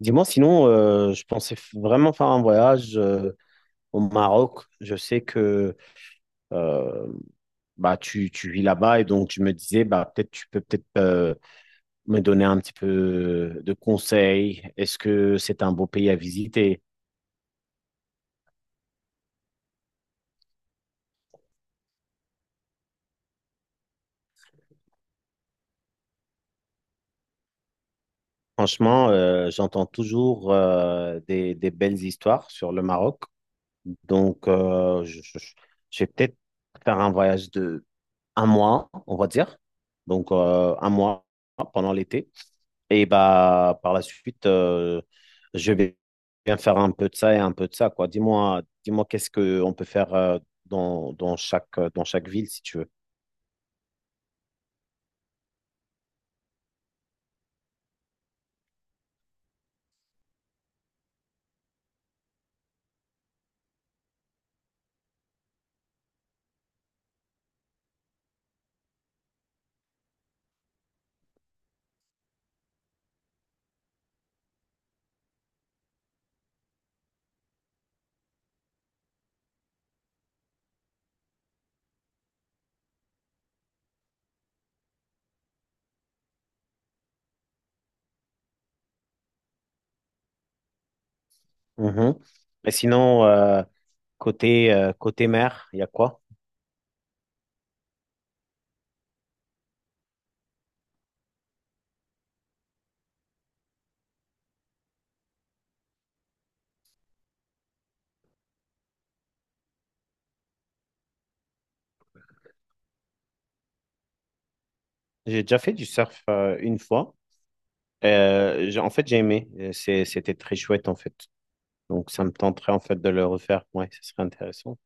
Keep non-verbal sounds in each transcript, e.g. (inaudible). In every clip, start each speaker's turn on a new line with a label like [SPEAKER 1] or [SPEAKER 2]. [SPEAKER 1] Dis-moi, sinon, je pensais vraiment faire un voyage au Maroc. Je sais que euh, bah, tu vis là-bas et donc je me disais, bah, peut-être tu peux peut-être me donner un petit peu de conseils. Est-ce que c'est un beau pays à visiter? Franchement, j'entends toujours des belles histoires sur le Maroc. Donc, je vais peut-être faire un voyage de un mois, on va dire. Donc, un mois pendant l'été. Et bah, par la suite, je vais bien faire un peu de ça et un peu de ça, quoi. Dis-moi, dis-moi qu'est-ce qu'on peut faire dans chaque ville, si tu veux. Mhm. Et sinon, côté mer, il y a quoi? J'ai déjà fait du surf une fois. En fait, j'ai aimé. C'était très chouette, en fait. Donc, ça me tenterait, en fait, de le refaire. Ouais, ce serait intéressant.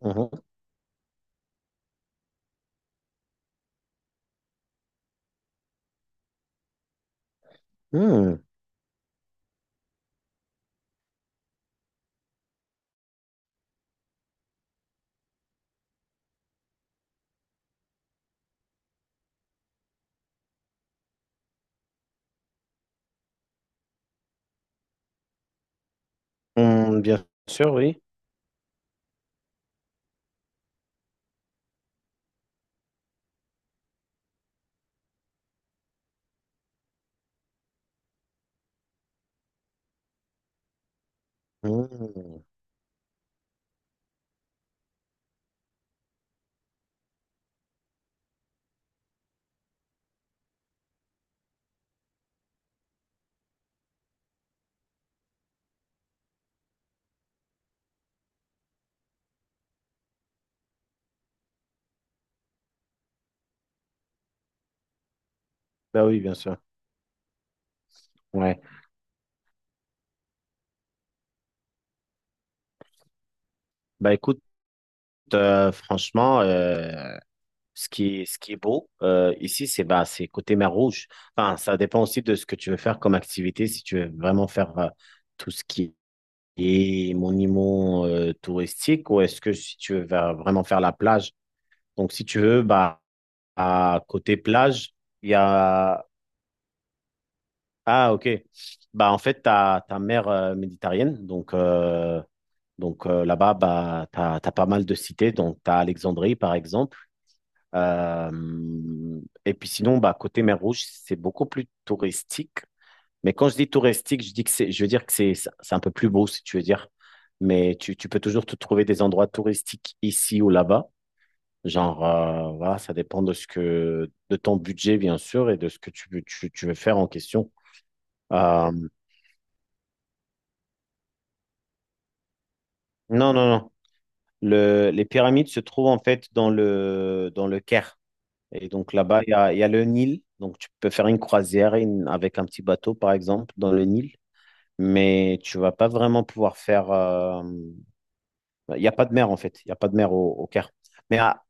[SPEAKER 1] Mhm. Hmm. Hmm, bien sûr, oui. Hmm. Bah oui, bien sûr. Ouais. Bah écoute, franchement, ce qui est beau ici, c'est côté mer Rouge. Enfin, ça dépend aussi de ce que tu veux faire comme activité. Si tu veux vraiment faire tout ce qui est monument touristique ou est-ce que si tu veux vraiment faire la plage. Donc, si tu veux, bah, à côté plage, il y a. Ah, ok. Bah, en fait, tu as ta mer méditerranéenne. Donc, là-bas, bah, tu as pas mal de cités. Donc, tu as Alexandrie, par exemple. Et puis sinon, bah, côté mer Rouge, c'est beaucoup plus touristique. Mais quand je dis touristique, je veux dire que c'est un peu plus beau, si tu veux dire. Mais tu peux toujours te trouver des endroits touristiques ici ou là-bas. Genre, voilà, ça dépend de de ton budget, bien sûr, et de ce que tu veux faire en question. Euh, non, non, non. Les pyramides se trouvent en fait dans le Caire. Et donc là-bas, il y a le Nil. Donc tu peux faire une croisière avec un petit bateau, par exemple, dans le Nil. Mais tu vas pas vraiment pouvoir faire. Il n'y a pas de mer, en fait. Il n'y a pas de mer au Caire. Mais ah,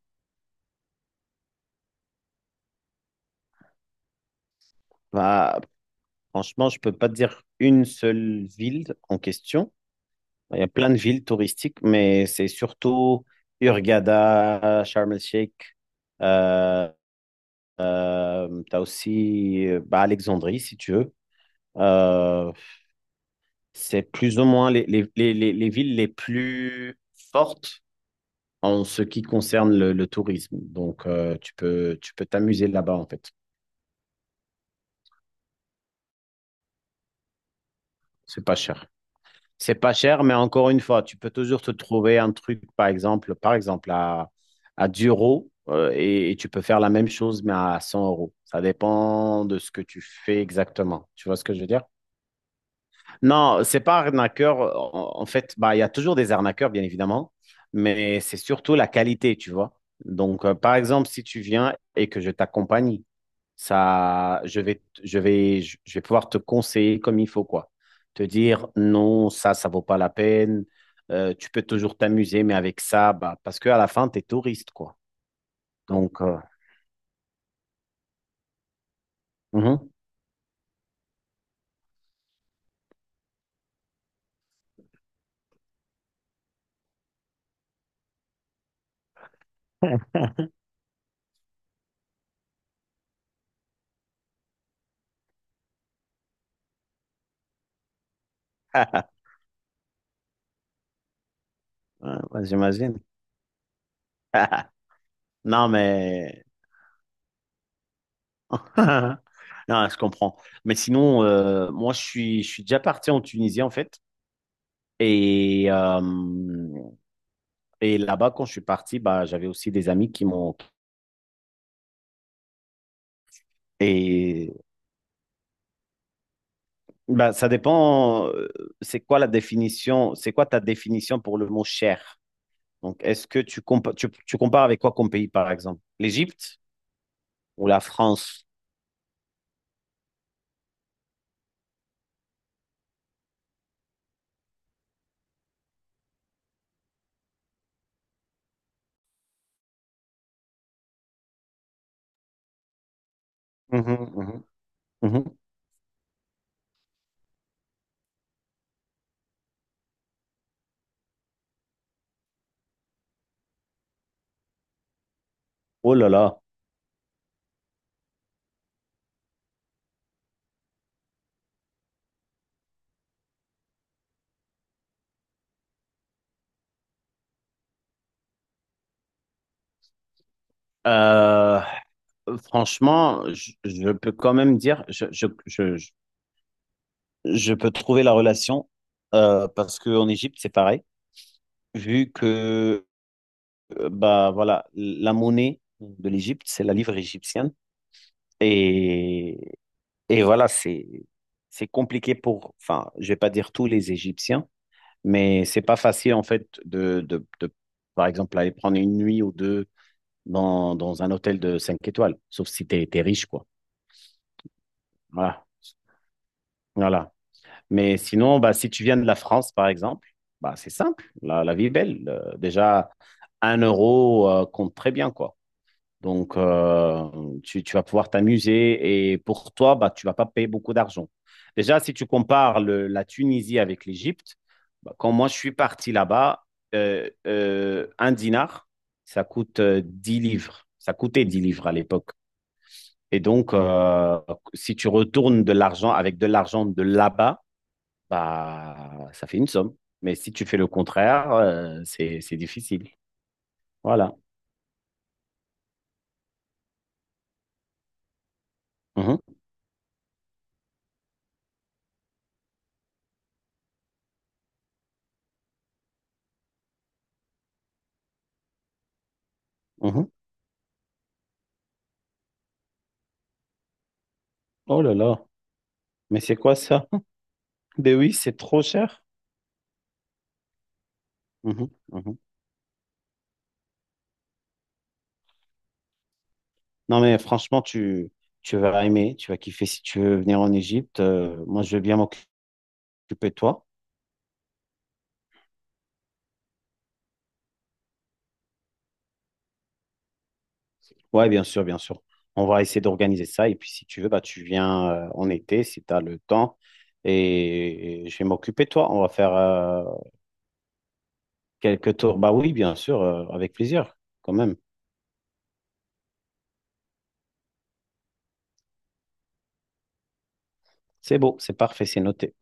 [SPEAKER 1] bah, franchement, je peux pas te dire une seule ville en question. Il y a plein de villes touristiques, mais c'est surtout Hurghada, Sharm el-Sheikh. Euh, tu as aussi bah, Alexandrie, si tu veux. Euh, C'est plus ou moins les villes les plus fortes en ce qui concerne le tourisme. Donc, tu peux t'amuser là-bas, en fait. C'est pas cher. C'est pas cher, mais encore une fois, tu peux toujours te trouver un truc, par exemple, à 10 et tu peux faire la même chose, mais à 100 euros. Ça dépend de ce que tu fais exactement. Tu vois ce que je veux dire? Non, c'est pas arnaqueur. En fait, bah, il y a toujours des arnaqueurs, bien évidemment, mais c'est surtout la qualité, tu vois. Donc, par exemple, si tu viens et que je t'accompagne, ça, je vais, t- je vais pouvoir te conseiller comme il faut, quoi. Te dire non, ça vaut pas la peine. Tu peux toujours t'amuser, mais avec ça, bah, parce qu'à la fin, tu es touriste, quoi. Donc, mhm. (laughs) Ouais, ouais, j'imagine. (laughs) Non, mais (laughs) Non, je comprends. Mais sinon, moi, je suis déjà parti en Tunisie, en fait. Et, euh, et là-bas, quand je suis parti, bah, j'avais aussi des amis qui m'ont. Et bah, ça dépend, c'est quoi ta définition pour le mot cher? Donc, est-ce que tu compares avec quoi comme pays, par exemple? L'Égypte ou la France? Mhm, mhm, mhm. Oh là là. Euh, franchement, je peux quand même dire, je- je peux trouver la relation parce qu'en Égypte, c'est pareil, vu que bah, voilà, la monnaie de l'Égypte, c'est la livre égyptienne. Et, et voilà, c'est compliqué pour, enfin, je vais pas dire tous les Égyptiens, mais c'est pas facile en fait de, par exemple, aller prendre une nuit ou deux dans un hôtel de 5 étoiles, sauf si tu es riche, quoi. Voilà. Voilà. Mais sinon, bah, si tu viens de la France, par exemple, bah, c'est simple. La vie est belle. Déjà, un euro compte très bien, quoi. Donc, tu vas pouvoir t'amuser et pour toi, bah, tu vas pas payer beaucoup d'argent. Déjà, si tu compares la Tunisie avec l'Égypte, bah, quand moi je suis parti là-bas, un dinar, ça coûte 10 livres. Ça coûtait 10 livres à l'époque. Et donc, si tu retournes de l'argent avec de l'argent de là-bas, bah, ça fait une somme. Mais si tu fais le contraire, c'est difficile. Voilà. Mhm, mhm. Oh là là. Mais c'est quoi ça? (laughs) Ben oui, c'est trop cher. Mhm, mhm. Non, mais franchement, tu vas aimer, tu vas kiffer si tu veux venir en Égypte. Moi, je veux bien m'occuper de toi. Ouais, bien sûr, bien sûr. On va essayer d'organiser ça. Et puis, si tu veux, bah, tu viens en été, si tu as le temps. Et je vais m'occuper de toi. On va faire quelques tours. Bah oui, bien sûr, avec plaisir, quand même. C'est beau, c'est parfait, c'est noté.